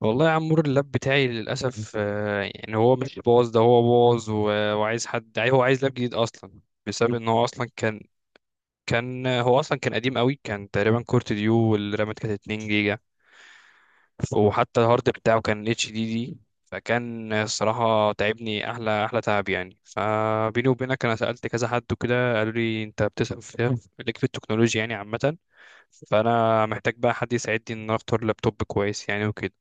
والله يا عمور، اللاب بتاعي للأسف يعني هو مش باظ، ده هو باظ وعايز حد هو عايز لاب جديد أصلا، بسبب إن هو أصلا كان. هو أصلا كان قديم قوي، كان تقريبا كورت ديو، والرامات كانت 2 جيجا، وحتى الهارد بتاعه كان اتش دي دي. فكان الصراحة تعبني أحلى تعب يعني. فبيني وبينك، أنا سألت كذا حد وكده، قالوا لي أنت بتسأل في ليك في التكنولوجيا يعني عامة. فأنا محتاج بقى حد يساعدني إن أنا أختار لابتوب كويس يعني وكده.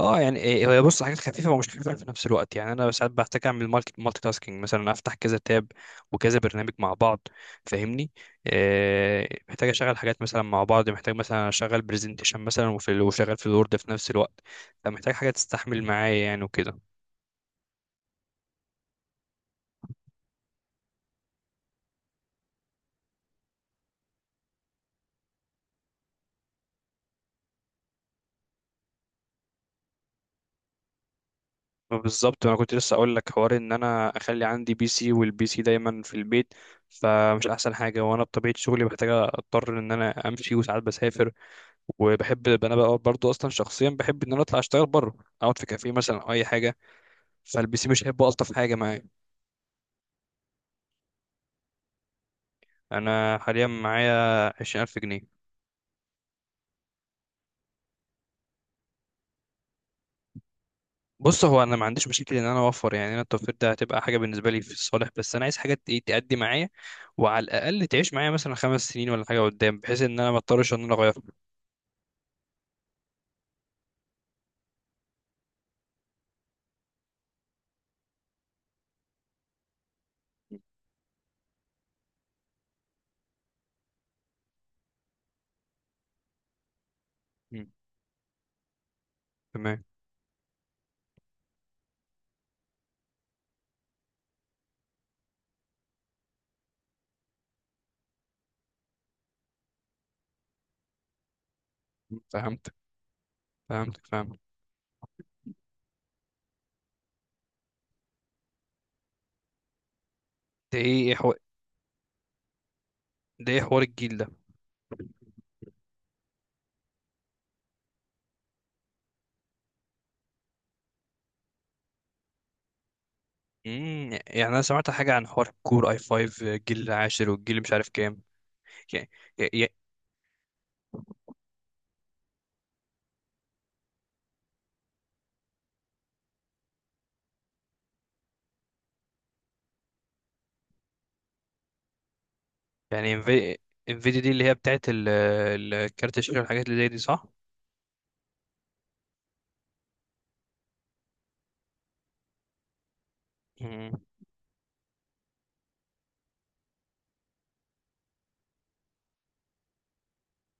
اه يعني إيه، هي بص، حاجات خفيفه ومش خفيفه في نفس الوقت. يعني انا ساعات بحتاج اعمل مالتي تاسكينج، مثلا افتح كذا تاب وكذا برنامج مع بعض، فاهمني؟ آه، محتاج اشغل حاجات مثلا مع بعض، محتاج مثلا اشغل برزنتيشن مثلا وشغال في الوورد في نفس الوقت. فمحتاج حاجه تستحمل معايا يعني وكده. بالظبط، انا كنت لسه اقول لك حوار ان انا اخلي عندي بي سي، والبي سي دايما في البيت، فمش احسن حاجه. وانا بطبيعه شغلي محتاج، اضطر ان انا امشي وساعات بسافر. وبحب انا بقى برضو، اصلا شخصيا بحب ان انا اطلع اشتغل بره، اقعد في كافيه مثلا او اي حاجه. فالبي سي مش هيبقى الطف حاجه معايا. انا حاليا معايا 20000 جنيه. بص، هو انا ما عنديش مشكله ان انا اوفر، يعني انا التوفير ده هتبقى حاجه بالنسبه لي في الصالح، بس انا عايز حاجه تأدي معايا، وعلى الاقل تعيش معايا مثلا خمس سنين ولا حاجه قدام، بحيث ان انا ما اضطرش ان انا اغير. مم. تمام. فهمت فهمت فهمت. ده ايه إيه ده ايه حوار الجيل ده؟ مم. يعني انا سمعت حاجه عن حوار كور اي 5، الجيل العاشر والجيل مش عارف كام يعني. يعني انفيديا دي اللي هي بتاعت الكارت الشاشه والحاجات اللي زي دي، صح؟ مم.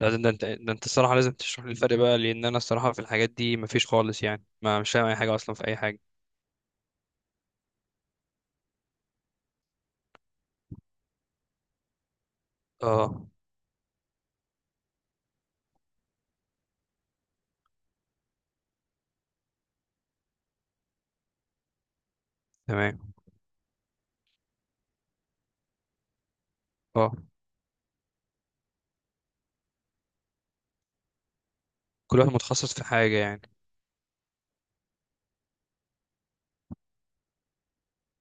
لا، ده انت الصراحه لازم تشرح لي الفرق بقى، لان انا الصراحه في الحاجات دي مفيش خالص يعني، ما مش فاهم اي حاجه اصلا في اي حاجه. اه. تمام. اه، كل واحد متخصص في حاجه يعني.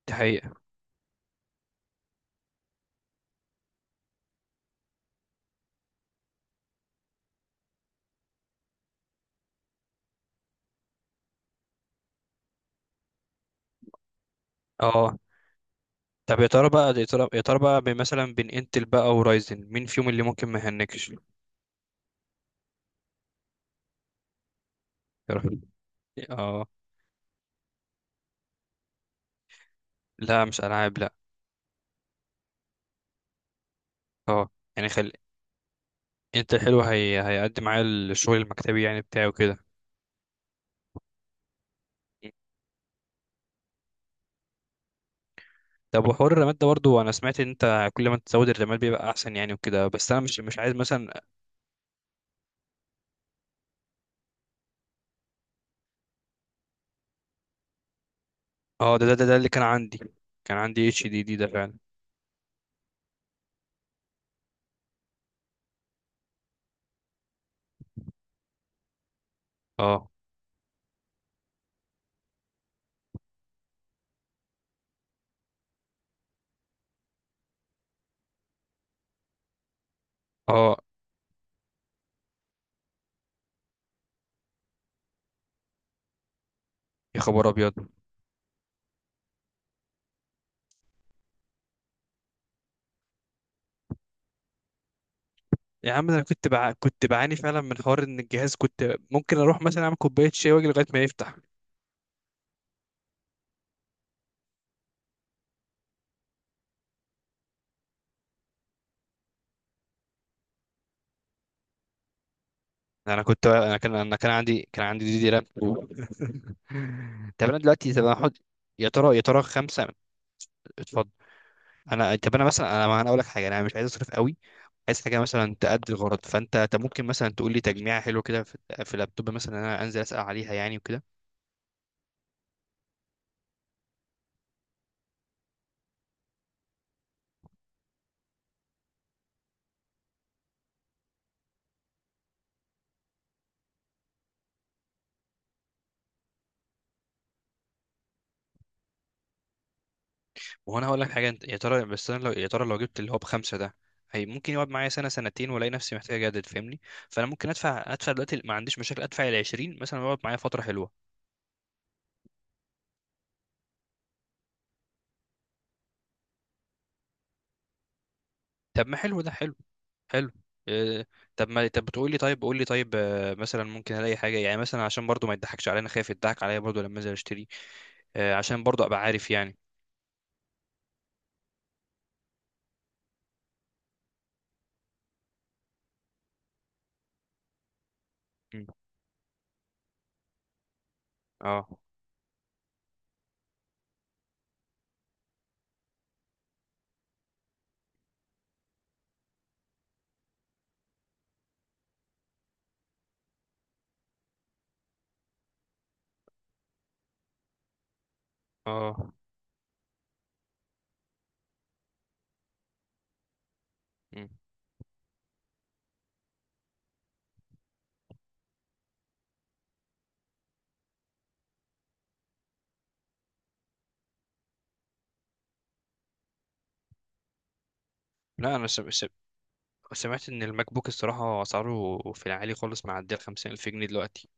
دي حقيقه. اه. طب يا ترى بقى، يا ترى بقى مثلا بين انتل بقى ورايزن، مين فيهم اللي ممكن ما يهنكش؟ يا رب. اه. لا، مش العاب، لا. اه، يعني خلي. انتل حلو، هيقدم معايا الشغل المكتبي يعني بتاعه كده. طب وحوار الرماد ده برضه، انا سمعت ان انت كل ما تزود الرماد بيبقى احسن يعني وكده، بس انا مش عايز مثلا. اه، ده اللي كان عندي، كان عندي اتش دي دي ده فعلا. اه. اه. يا خبر ابيض. يا عم ده انا كنت كنت بعاني فعلا من حوار ان الجهاز كنت ممكن اروح مثلا اعمل كوبايه شاي واجي لغايه ما يفتح. انا كان عندي كان عندي دي دي رام طب انا دلوقتي، طب انا احط. يا ترى، يا ترى خمسه؟ اتفضل. انا، طب انا مثلا، انا اقول لك حاجه، انا مش عايز اصرف قوي، عايز حاجه مثلا تأدي الغرض. فانت ممكن مثلا تقول لي تجميعه حلوه كده في في اللابتوب مثلا انا انزل اسال عليها يعني وكده. وهنا هقول لك حاجه، انت يا ترى، بس انا لو يا ترى لو جبت اللي هو بخمسه ده، هي ممكن يقعد معايا سنه سنتين والاقي نفسي محتاج اجدد، فاهمني؟ فانا ممكن ادفع دلوقتي، ما عنديش مشاكل، ادفع ال 20 مثلا يقعد معايا فتره حلوه. طب ما حلو، ده حلو. حلو. إيه، طب ما طب بتقول لي طيب، قول لي طيب. مثلا ممكن الاقي حاجه يعني مثلا، عشان برضو ما يضحكش علينا، خايف يضحك عليا برضو لما انزل اشتري. عشان برضو ابقى عارف يعني. مم. اه. اه. لا انا سمعت ان الماك بوك الصراحه اسعاره في العالي خالص، معديه ال 50000 الف جنيه دلوقتي.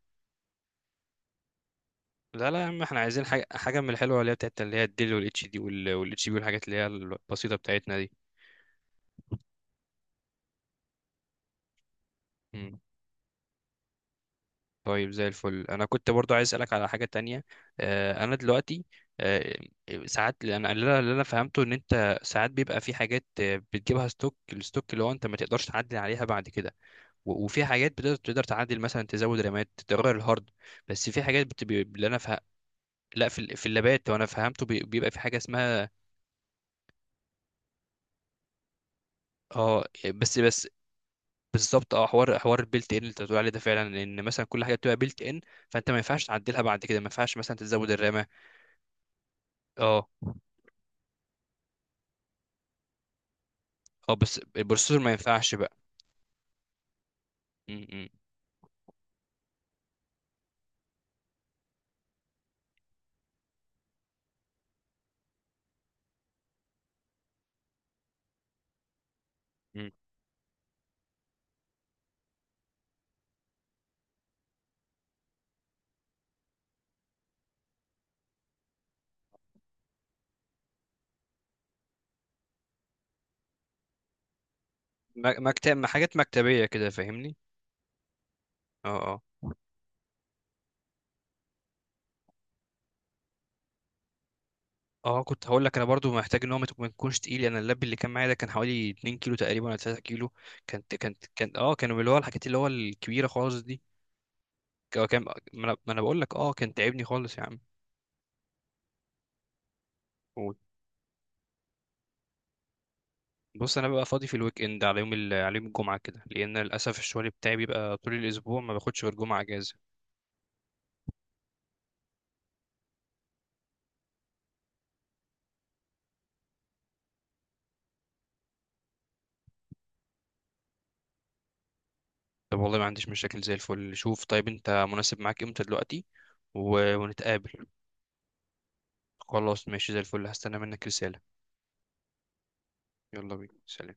لا لا يا عم، احنا عايزين حاجه من الحلوه اللي هي بتاعت اللي هي الديل والاتش دي والاتش بي، والحاجات اللي هي البسيطه بتاعتنا دي. مم. طيب زي الفل. انا كنت برضو عايز اسالك على حاجه تانية. انا دلوقتي، آه، ساعات اللي أنا فهمته ان انت ساعات بيبقى في حاجات، بتجيبها ستوك، الستوك اللي هو انت ما تقدرش تعدل عليها بعد كده. وفي حاجات بتقدر تعدل، مثلا تزود رامات، تغير الهارد. بس في حاجات اللي انا لا في في اللابات، وانا فهمته بيبقى في حاجه اسمها. اه، يعني بس. بالظبط، اه، حوار البيلت ان اللي انت بتقول عليه ده فعلا، ان مثلا كل حاجه بتبقى بيلت ان، فانت ما ينفعش تعدلها بعد كده، ما ينفعش مثلا تزود الرامه. اه. اه بس البروسيسور ما ينفعش بقى. م- م- م. مكتب، حاجات مكتبيه كده، فاهمني؟ اه. اه كنت هقول لك، انا برضو محتاج ان هو ما ما يكونش تقيل. انا اللاب اللي كان معايا ده كان حوالي 2 كيلو تقريبا، ولا 3 كيلو. كانت كان اه كانوا اللي هو الحاجات اللي هو الكبيره خالص دي. هو كان ما انا، ما أنا بقول لك، اه كان تعبني خالص يا عم. قول. بص انا ببقى فاضي في الويك اند، على يوم على يوم الجمعه كده، لان للاسف الشغل بتاعي بيبقى طول الاسبوع، ما باخدش غير جمعه اجازه. طب والله ما عنديش مشاكل، زي الفل. شوف طيب، انت مناسب معاك امتى دلوقتي، ونتقابل؟ خلاص، ماشي، زي الفل، هستنى منك رساله. يلا بينا، سلام.